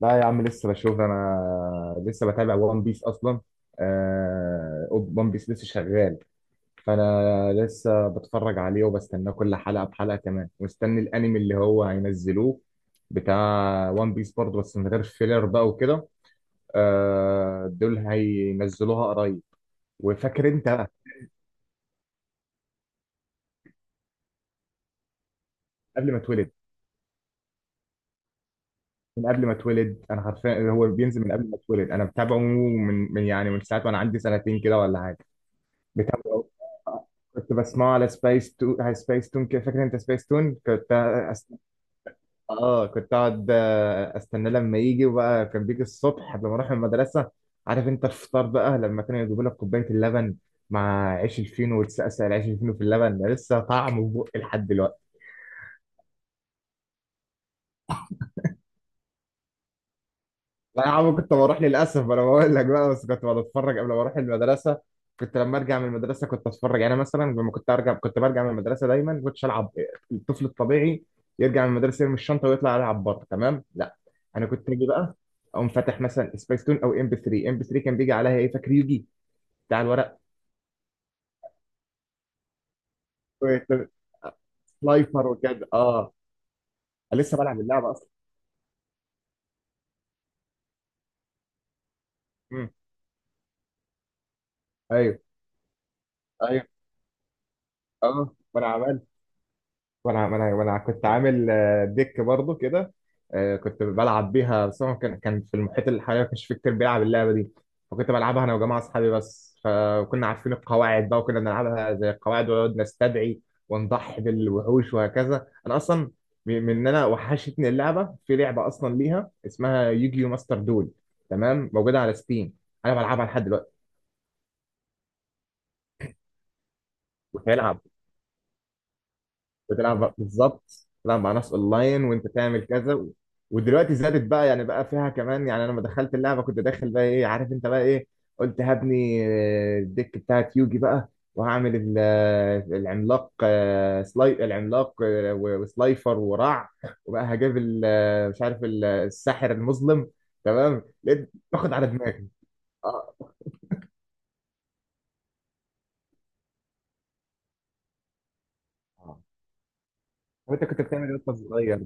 لا يا عم لسه بشوف. انا لسه بتابع وان بيس اصلا. آه، وان بيس لسه شغال، فانا لسه بتفرج عليه وبستناه كل حلقه بحلقه. كمان مستني الانمي اللي هو هينزلوه بتاع وان بيس برضه، بس من غير فيلر بقى وكده. آه، دول هينزلوها قريب. وفاكر انت بقى؟ قبل ما اتولد، من قبل ما اتولد انا حرفيا، هو بينزل من قبل ما اتولد انا. متابعه من يعني من ساعه وانا عندي سنتين كده ولا حاجه. بتابعه. كنت بسمعه على سبايس تون، على سبايس تون كده. فاكر انت سبايس تون؟ كنت أست... اه كنت اقعد استنى لما يجي. وبقى كان بيجي الصبح لما اروح المدرسه. عارف انت الفطار بقى لما كانوا يجيبوا لك كوبايه اللبن مع عيش الفينو، وتسقسق العيش الفينو في اللبن، ده لسه طعمه في بقي لحد دلوقتي. لا يا عم كنت بروح، للاسف انا بقول لك بقى، بس كنت بتفرج قبل ما اروح المدرسه. كنت لما ارجع من المدرسه كنت اتفرج. يعني مثلا لما كنت ارجع، كنت برجع من المدرسه دايما كنتش العب الطفل الطبيعي، يرجع من المدرسه يرمي الشنطه ويطلع يلعب بره. تمام؟ لا، انا كنت اجي بقى اقوم فاتح مثلا سبيس تون او ام بي 3. ام بي 3 كان بيجي عليها ايه فاكر؟ يوجي بتاع الورق. سلايفر وكده، اه. أنا لسه بلعب اللعبه اصلا. امم. ايوه. ايوه. اه ما انا عمال. وانا كنت عامل ديك برضو كده. كنت بلعب بيها، بس هو كان في المحيط اللي حواليا ما كانش في كتير بيلعب اللعبه دي. فكنت بلعبها انا وجماعه اصحابي بس. فكنا عارفين القواعد بقى، وكنا بنلعبها زي القواعد ونقعد نستدعي ونضحي بالوحوش وهكذا. انا اصلا م- من ان انا وحشتني اللعبه. في لعبه اصلا ليها اسمها يوجيو ماستر دول، تمام؟ موجوده على ستيم، انا بلعبها لحد دلوقتي. وبتلعب. بتلعب بالظبط. تلعب مع ناس اونلاين وانت تعمل كذا ودلوقتي زادت بقى. يعني بقى فيها كمان يعني. انا لما دخلت اللعبه كنت داخل بقى ايه، عارف انت بقى ايه؟ قلت هبني الديك بتاعت يوجي بقى، وهعمل العملاق، آه، سلاي العملاق، وسلايفر ورع. وبقى هجيب مش عارف الساحر المظلم. تمام؟ لقيت باخد على دماغي. اه. آه. وانت كنت بتعمل ايه وانت صغير؟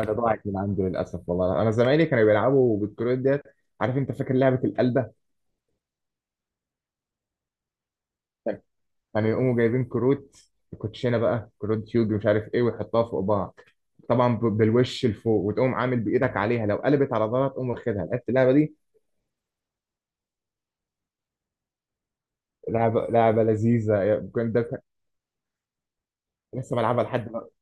انا ضاعت من عنده للاسف. والله انا زمايلي كانوا بيلعبوا بالكروت ديت. عارف انت؟ فاكر لعبه القلبه؟ كانوا يقوموا جايبين كروت، كوتشينه بقى، كروت يوجي مش عارف ايه، ويحطها فوق بعض. طبعا بالوش لفوق، وتقوم عامل بايدك عليها. لو قلبت على ظهرها تقوم واخدها. لعبت اللعبه دي؟ لعبه لذيذه. لسه بلعبها لحد دلوقتي.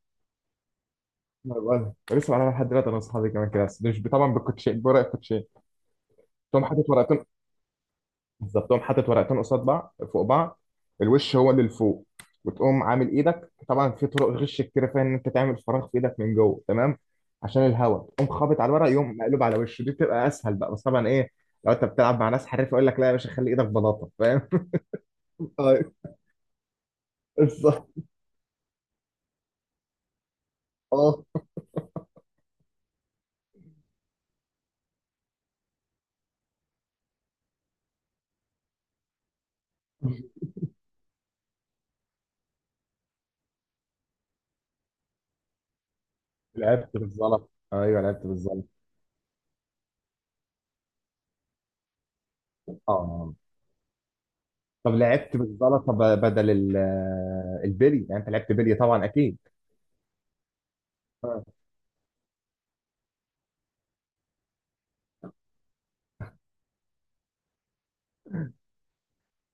لسه بلعبها لحد دلوقتي، انا واصحابي كمان كده. بس مش طبعا بالكوتشين، بورق الكوتشين. تقوم حاطط ورقتين، بالظبط، تقوم حاطط ورقتين قصاد بعض فوق بعض، الوش هو اللي لفوق. وتقوم عامل ايدك. طبعا في طرق غش كتير فيها، ان انت تعمل فراغ في ايدك من جوه، تمام؟ عشان الهواء تقوم خابط على الورق يقوم مقلوب على وشه. دي بتبقى اسهل بقى، بس طبعا ايه، لو انت بتلعب مع ناس حريف يقول لك لا يا باشا خلي ايدك بلاطه، فاهم؟ ايوه، بالظبط. اه. لعبت بالزلط، ايوه لعبت بالزلط. اه. طب لعبت بالزلطه بدل البلي يعني؟ انت لعبت بلي طبعا اكيد. آه.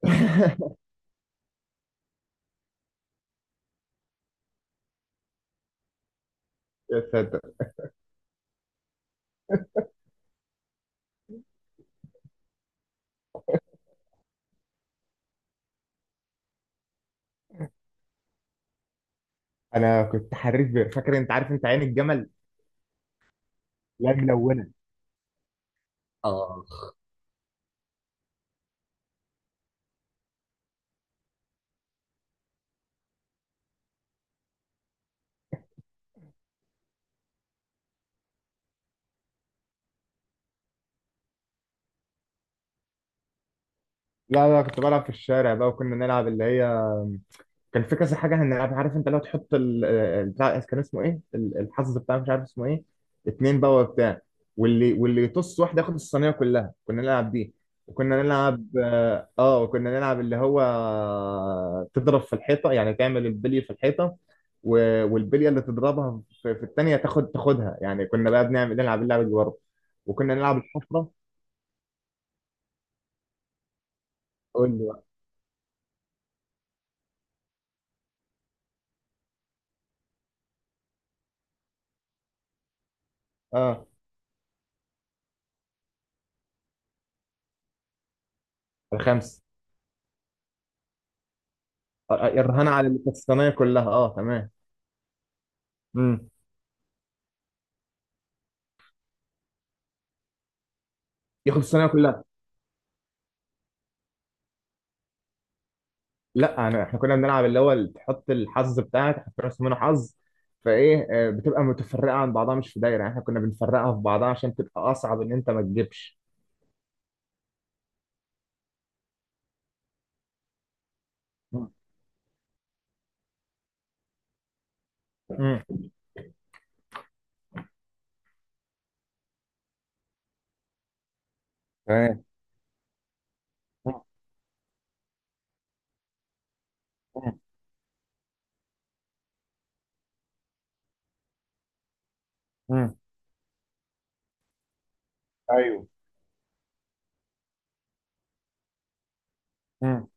انا كنت حريف بير. فاكر انت؟ عارف انت عين الجمل؟ لا، ملونه. اه. لا لا كنت بلعب في الشارع بقى. وكنا نلعب اللي هي، كان في كذا حاجه هنلعبها. عارف انت؟ لو تحط بتاع، كان اسمه ايه الحظ بتاع، مش عارف اسمه ايه، اتنين بقى وبتاع، واللي يطص واحد ياخد الصينيه كلها. كنا نلعب دي. وكنا نلعب اه، وكنا نلعب اللي هو، تضرب في الحيطه. يعني تعمل البلي في الحيطه، والبليه اللي تضربها في الثانيه تاخدها يعني. كنا بقى بنعمل نلعب اللعبه دي برضه. وكنا نلعب الحفره. قول لي بقى. اه. الخمس. الرهان على اللي كانت الصينيه كلها، اه، تمام. امم. ياخد الصينيه كلها. لا أنا، إحنا كنا بنلعب اللي هو اللي تحط الحظ بتاعك، تحط راس منه حظ، فإيه بتبقى متفرقة عن بعضها مش في دايرة يعني. إحنا كنا بنفرقها في بعضها عشان تبقى أصعب إن أنت ما تجيبش. مم. مم. تمام. مم. مم. مم. ايوه. مم.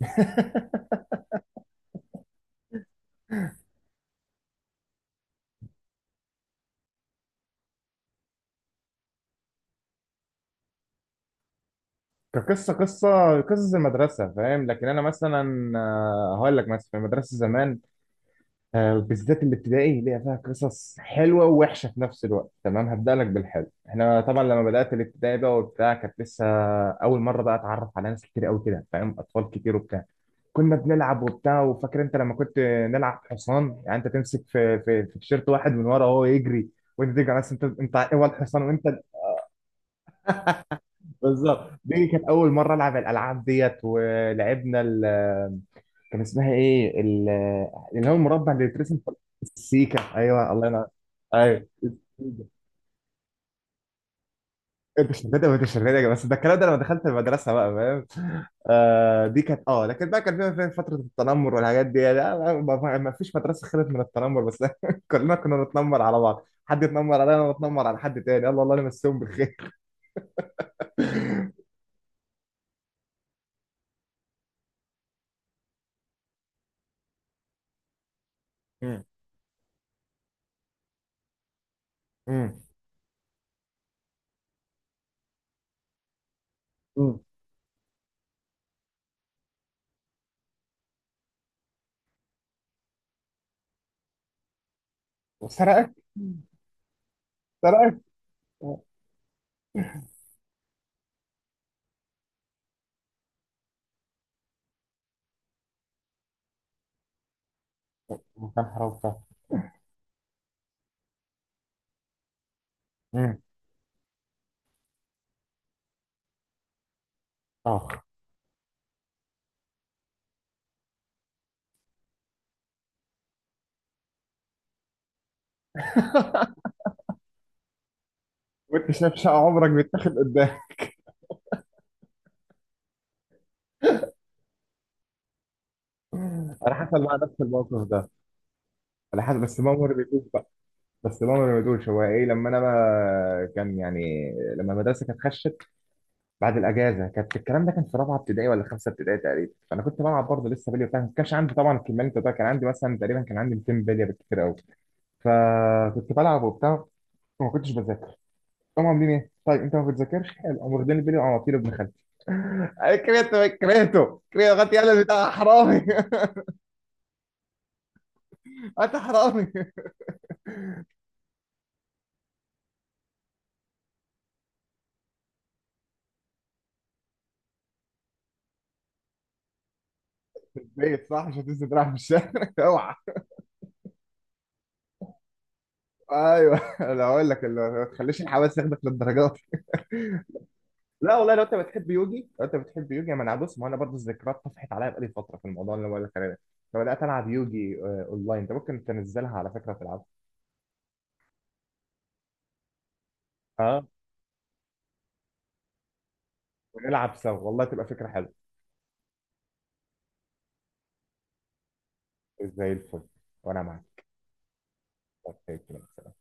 كقصه، قصص المدرسه فاهم؟ لكن انا مثلا هقول لك مثلا. في المدرسه زمان، بالذات الابتدائي، ليها فيها قصص حلوه ووحشه في نفس الوقت، تمام؟ هبدا لك بالحلو. احنا طبعا لما بدات الابتدائي بقى وبتاع، كانت لسه اول مره بقى اتعرف على ناس كتير قوي كده، فاهم؟ اطفال كتير وبتاع. كنا بنلعب وبتاع. وفاكر انت لما كنت نلعب حصان؟ يعني انت تمسك في تيشيرت واحد من ورا، وهو يجري وانت تيجي على ناس. انت هو الحصان، وانت بالظبط. دي كانت اول مره العب الالعاب ديت. ولعبنا، كان اسمها ايه اللي هو المربع اللي بيترسم السيكا، ايوه الله ينور. ايوه التيشيرتات، والتيشيرتات يا جماعه. بس ده الكلام ده لما دخلت المدرسه بقى، فاهم؟ آه دي كانت، اه. لكن بقى كان فيها فتره التنمر والحاجات دي. لا ما فيش مدرسه خلت من التنمر، بس كلنا كنا بنتنمر على بعض. حد يتنمر عليا وانا بتنمر على حد تاني، يلا الله يمسيهم بالخير. امم. امم. امم. وسرقك؟ سرقك. يا نهار أبيض. امم. اه. وانت شايف شقه عمرك بيتاخد قدام. انا حصل معايا نفس الموقف ده. انا حصل بس ماما ما رميتوش بقى. بس ماما ما رميتوش. هو ايه لما انا بقى كان يعني، لما المدرسه كانت خشت بعد الاجازه، كانت الكلام ده كان في رابعه ابتدائي ولا خمسه ابتدائي تقريبا. فانا كنت بلعب برضه لسه بلي وبتاع. ما كانش عندي طبعا الكميه اللي انت بتقولها، كان عندي مثلا تقريبا، كان عندي 200 بليه بالكتير قوي. فكنت بلعب وبتاع وما كنتش بذاكر. هم عاملين ايه؟ طيب انت ما بتذاكرش؟ حلو. قاموا واخدين البلي وعواطير ابن خالتي. أنا كرهته كرهته كرهته، غطي قلبي ده حرامي. انت حرامي. بيت صح، مش هتنزل تلعب في الشارع. اوعى. ايوه، انا هقول لك ما تخليش الحواس ياخدك للدرجات. لا والله، لو انت بتحب يوجي، لو انت بتحب يوجي، ما انا بص، ما انا برضه الذكريات طفحت عليا بقالي فتره في الموضوع اللي بقول لك عليه ده. فبدات العب يوجي اونلاين. انت ممكن تنزلها على فكره تلعبها. اه. ونلعب سوا، والله تبقى فكره حلوه. زي الفل. وانا معاك. طيب،